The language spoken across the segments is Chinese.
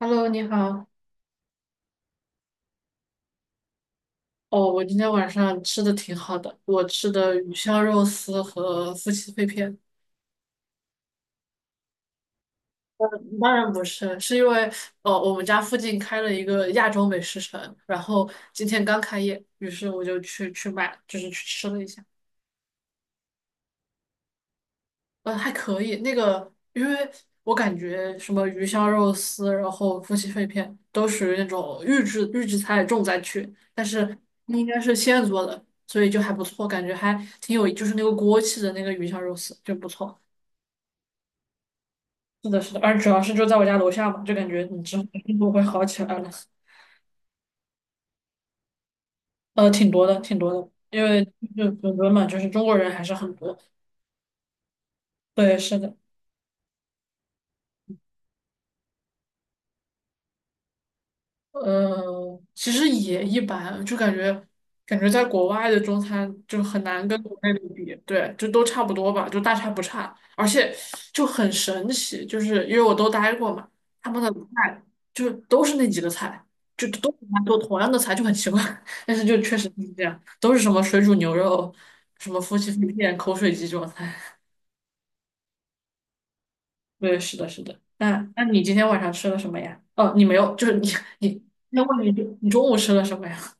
Hello，你好。哦，我今天晚上吃的挺好的，我吃的鱼香肉丝和夫妻肺片。嗯当然不是，是因为我们家附近开了一个亚洲美食城，然后今天刚开业，于是我就去买，就是去吃了一下。还可以。那个，因为我感觉什么鱼香肉丝，然后夫妻肺片，都属于那种预制菜重灾区，但是那应该是现做的，所以就还不错，感觉还挺有，就是那个锅气的那个鱼香肉丝就不错。是的，是的，而主要是就在我家楼下嘛，就感觉你之后生活会好起来了。挺多的，挺多的，因为就伦敦嘛，就是中国人还是很多。对，是的。其实也一般，就感觉在国外的中餐就很难跟国内的比，对，就都差不多吧，就大差不差，而且就很神奇，就是因为我都待过嘛，他们的菜就都是那几个菜，就都很同样的菜，就很奇怪，但是就确实是这样，都是什么水煮牛肉、什么夫妻肺片、口水鸡这种菜。对，是的，是的。那你今天晚上吃了什么呀？哦，你没有，就是你，那问你中午吃了什么呀？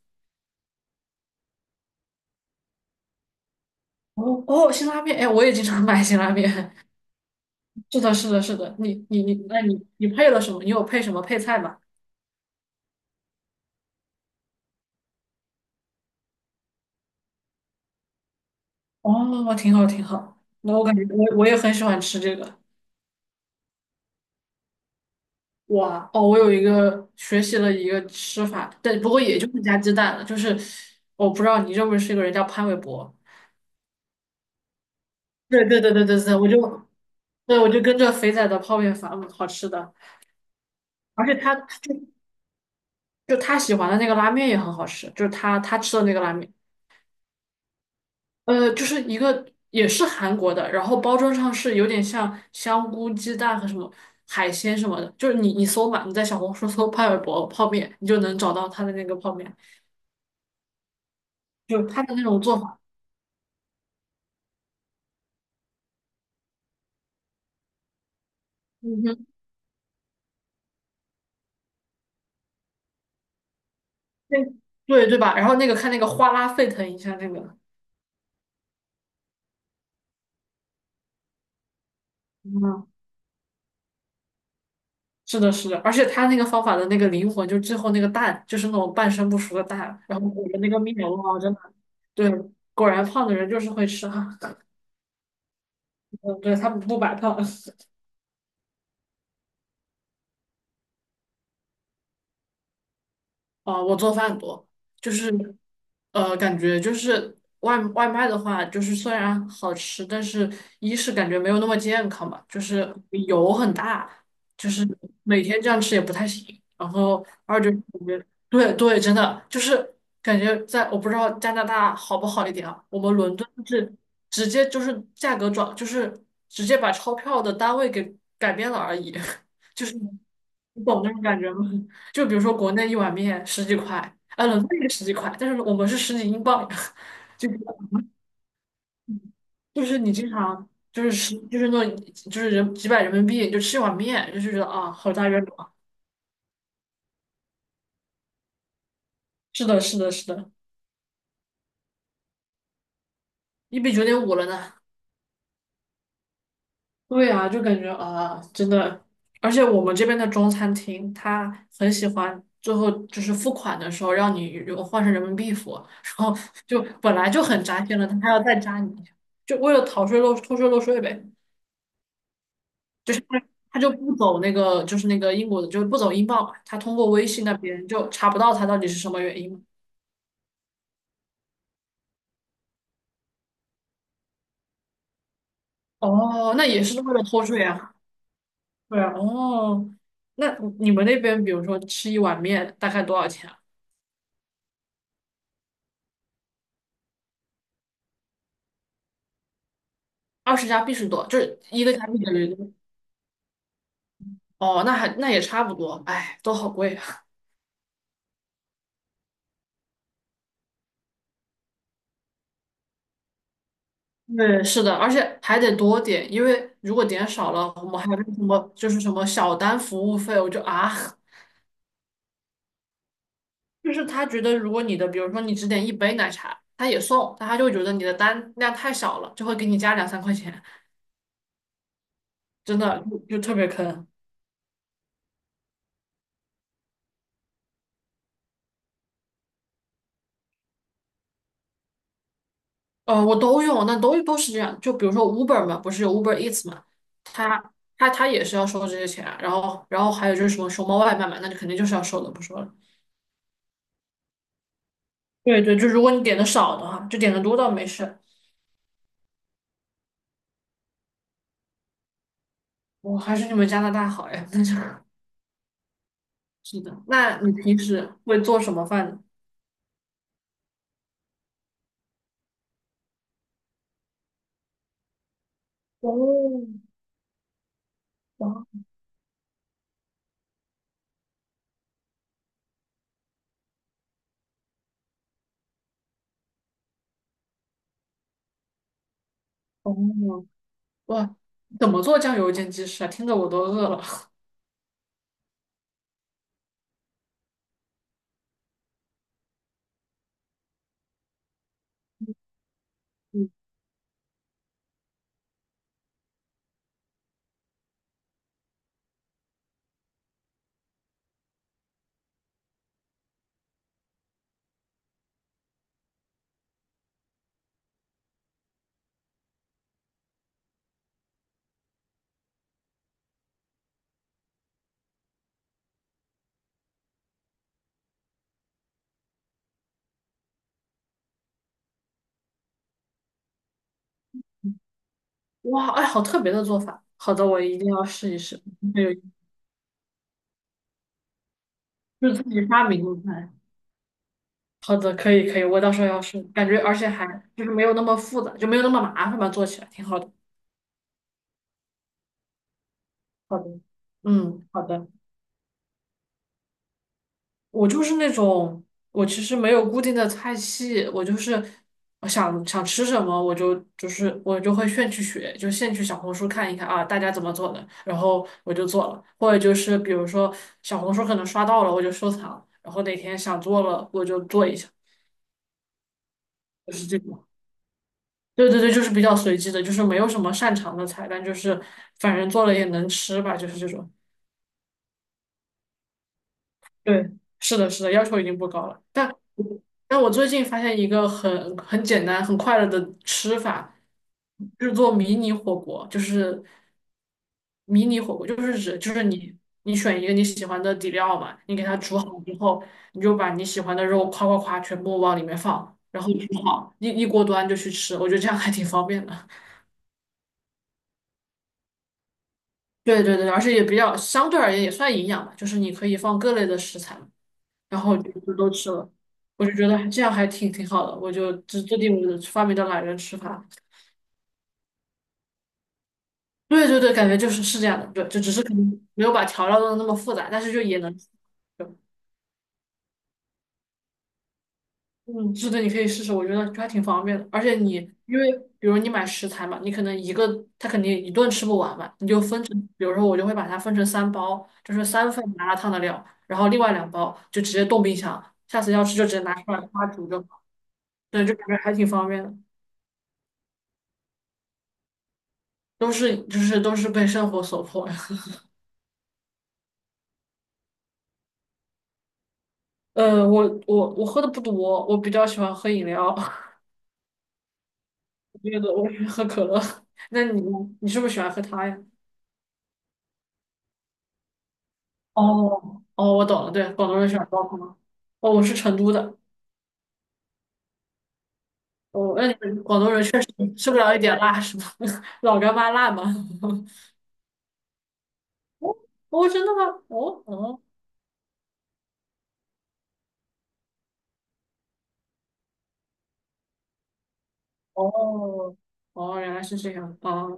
哦哦，辛拉面，哎，我也经常买辛拉面。是的，是的，是的。你，那你配了什么？你有配什么配菜吗？哦，挺好，挺好。那我感觉我也很喜欢吃这个。哇，哦，我有一个学习了一个吃法，但不过也就是加鸡蛋了。就是我不知道你认不认识一个人叫潘玮柏。对对对对对对，对，我就跟着肥仔的泡面法，好吃的。而且他就他喜欢的那个拉面也很好吃，就是他吃的那个拉面。就是一个也是韩国的，然后包装上是有点像香菇、鸡蛋和什么海鲜什么的，就是你搜嘛，你在小红书 搜派尔博泡面，你就能找到它的那个泡面，就是它的那种做法，嗯哼，对对对吧？然后那个看那个哗啦沸腾一下那个，嗯，是的，是的，而且它那个方法的那个灵魂，就最后那个蛋就是那种半生不熟的蛋，然后裹着那个面，哇，真的，对，果然胖的人就是会吃哈，嗯，对，他不白胖。啊，我做饭多，就是感觉就是外卖的话，就是虽然好吃，但是一是感觉没有那么健康吧，就是油很大，就是每天这样吃也不太行。然后二就是感觉，对对，真的就是感觉在我不知道加拿大好不好一点啊，我们伦敦是直接就是价格转，就是直接把钞票的单位给改变了而已，就是你懂那种感觉吗？就比如说国内一碗面十几块，啊，冷饭也十几块，但是我们是十几英镑，就就是你经常就是就是那种就是人几百人民币就吃一碗面，就是觉得啊，好大冤种啊！是的，是的，是的，1比9.5了呢。对啊，就感觉啊，真的，而且我们这边的中餐厅，他很喜欢最后就是付款的时候让你如果换成人民币付啊，然后就本来就很扎心了，他还要再扎你，就为了逃税漏偷税漏税呗。就是他就不走那个，就是那个英国的，就是不走英镑嘛，他通过微信那边就查不到他到底是什么原因嘛。哦，那也是为了偷税啊。对啊，哦，那你们那边比如说吃一碗面大概多少钱啊？20加币是多，就是一个加币等于多哦，那也差不多，哎，都好贵啊。对，是的，而且还得多点，因为如果点少了，我们还有那个什么就是什么小单服务费，我就啊。就是他觉得，如果你的，比如说你只点一杯奶茶，他也送，但他就会觉得你的单量太少了，就会给你加2、3块钱，真的就特别坑。我都用，那都是这样。就比如说 Uber 嘛，不是有 Uber Eats 嘛，他他也是要收这些钱啊然后还有就是什么熊猫外卖嘛，那就肯定就是要收的，不说了。对对，就如果你点的少的话，就点的多倒没事。我还是你们加拿大好呀，那就是是的。那你平时会做什么饭呢？哦，哦哦哇，怎么做酱油煎鸡翅啊？听着我都饿了。嗯，哇，哎，好特别的做法。好的，我一定要试一试。还有，就是自己发明的菜。好的，可以可以，我到时候要试。感觉而且还就是没有那么复杂，就没有那么麻烦吧，做起来挺好的。好的，嗯，好的。我就是那种，我其实没有固定的菜系，我就是我想想吃什么，我就是我就会现去学，就现去小红书看一看啊，大家怎么做的，然后我就做了，或者就是比如说小红书可能刷到了，我就收藏，然后哪天想做了我就做一下，就是这种。对对对，就是比较随机的，就是没有什么擅长的菜，但就是反正做了也能吃吧，就是这种。对，是的，是的，要求已经不高了。但我最近发现一个很简单、很快乐的吃法，制作迷你火锅，就是迷你火锅，就是指就是你选一个你喜欢的底料嘛，你给它煮好之后，你就把你喜欢的肉夸夸夸全部往里面放，然后煮好一锅端就去吃，我觉得这样还挺方便的。对对对，而且也比较相对而言也算营养吧，就是你可以放各类的食材。然后就都吃了。我就觉得还这样还挺好的，我就制定我的发明的懒人吃法。对对对，感觉就是这样的，对，就只是可能没有把调料弄得那么复杂，但是就也能吃对嗯，是的，你可以试试，我觉得还挺方便的。而且你因为比如你买食材嘛，你可能一个它肯定一顿吃不完嘛，你就分成，比如说我就会把它分成3包，就是3份麻辣烫的料，然后另外2包就直接冻冰箱，下次要吃就直接拿出来它煮就好。对，就感觉还挺方便的。都是就是都是被生活所迫呀。我喝的不多，我比较喜欢喝饮料，别的我喜欢喝可乐。那你呢？你是不是喜欢喝它呀？哦哦，我懂了，对，广东人喜欢煲汤。哦，我是成都的。哦，那你们广东人确实吃不了一点辣是吗？老干妈辣吗？哦哦，真的吗？哦哦哦哦，原来是这样啊。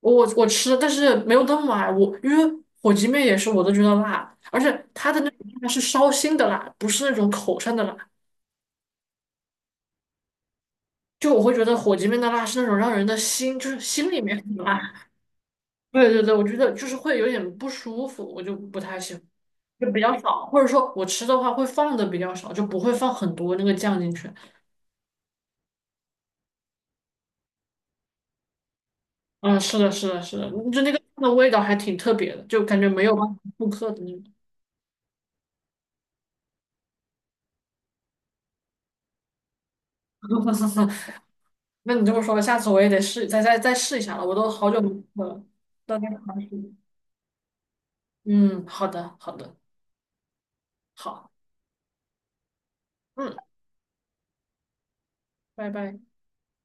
我吃，但是没有那么爱我，因为火鸡面也是我都觉得辣，而且它的那种辣是烧心的辣，不是那种口上的辣。就我会觉得火鸡面的辣是那种让人的心，就是心里面很辣。对对对，我觉得就是会有点不舒服，我就不太喜欢，就比较少，或者说我吃的话会放的比较少，就不会放很多那个酱进去。嗯，是的，是的，是的，就那个酱的味道还挺特别的，就感觉没有办法复刻的那种。那你这么说，下次我也得试，再试一下了。我都好久没喝了，到都该尝试。嗯，好的，好的，好，嗯，拜拜。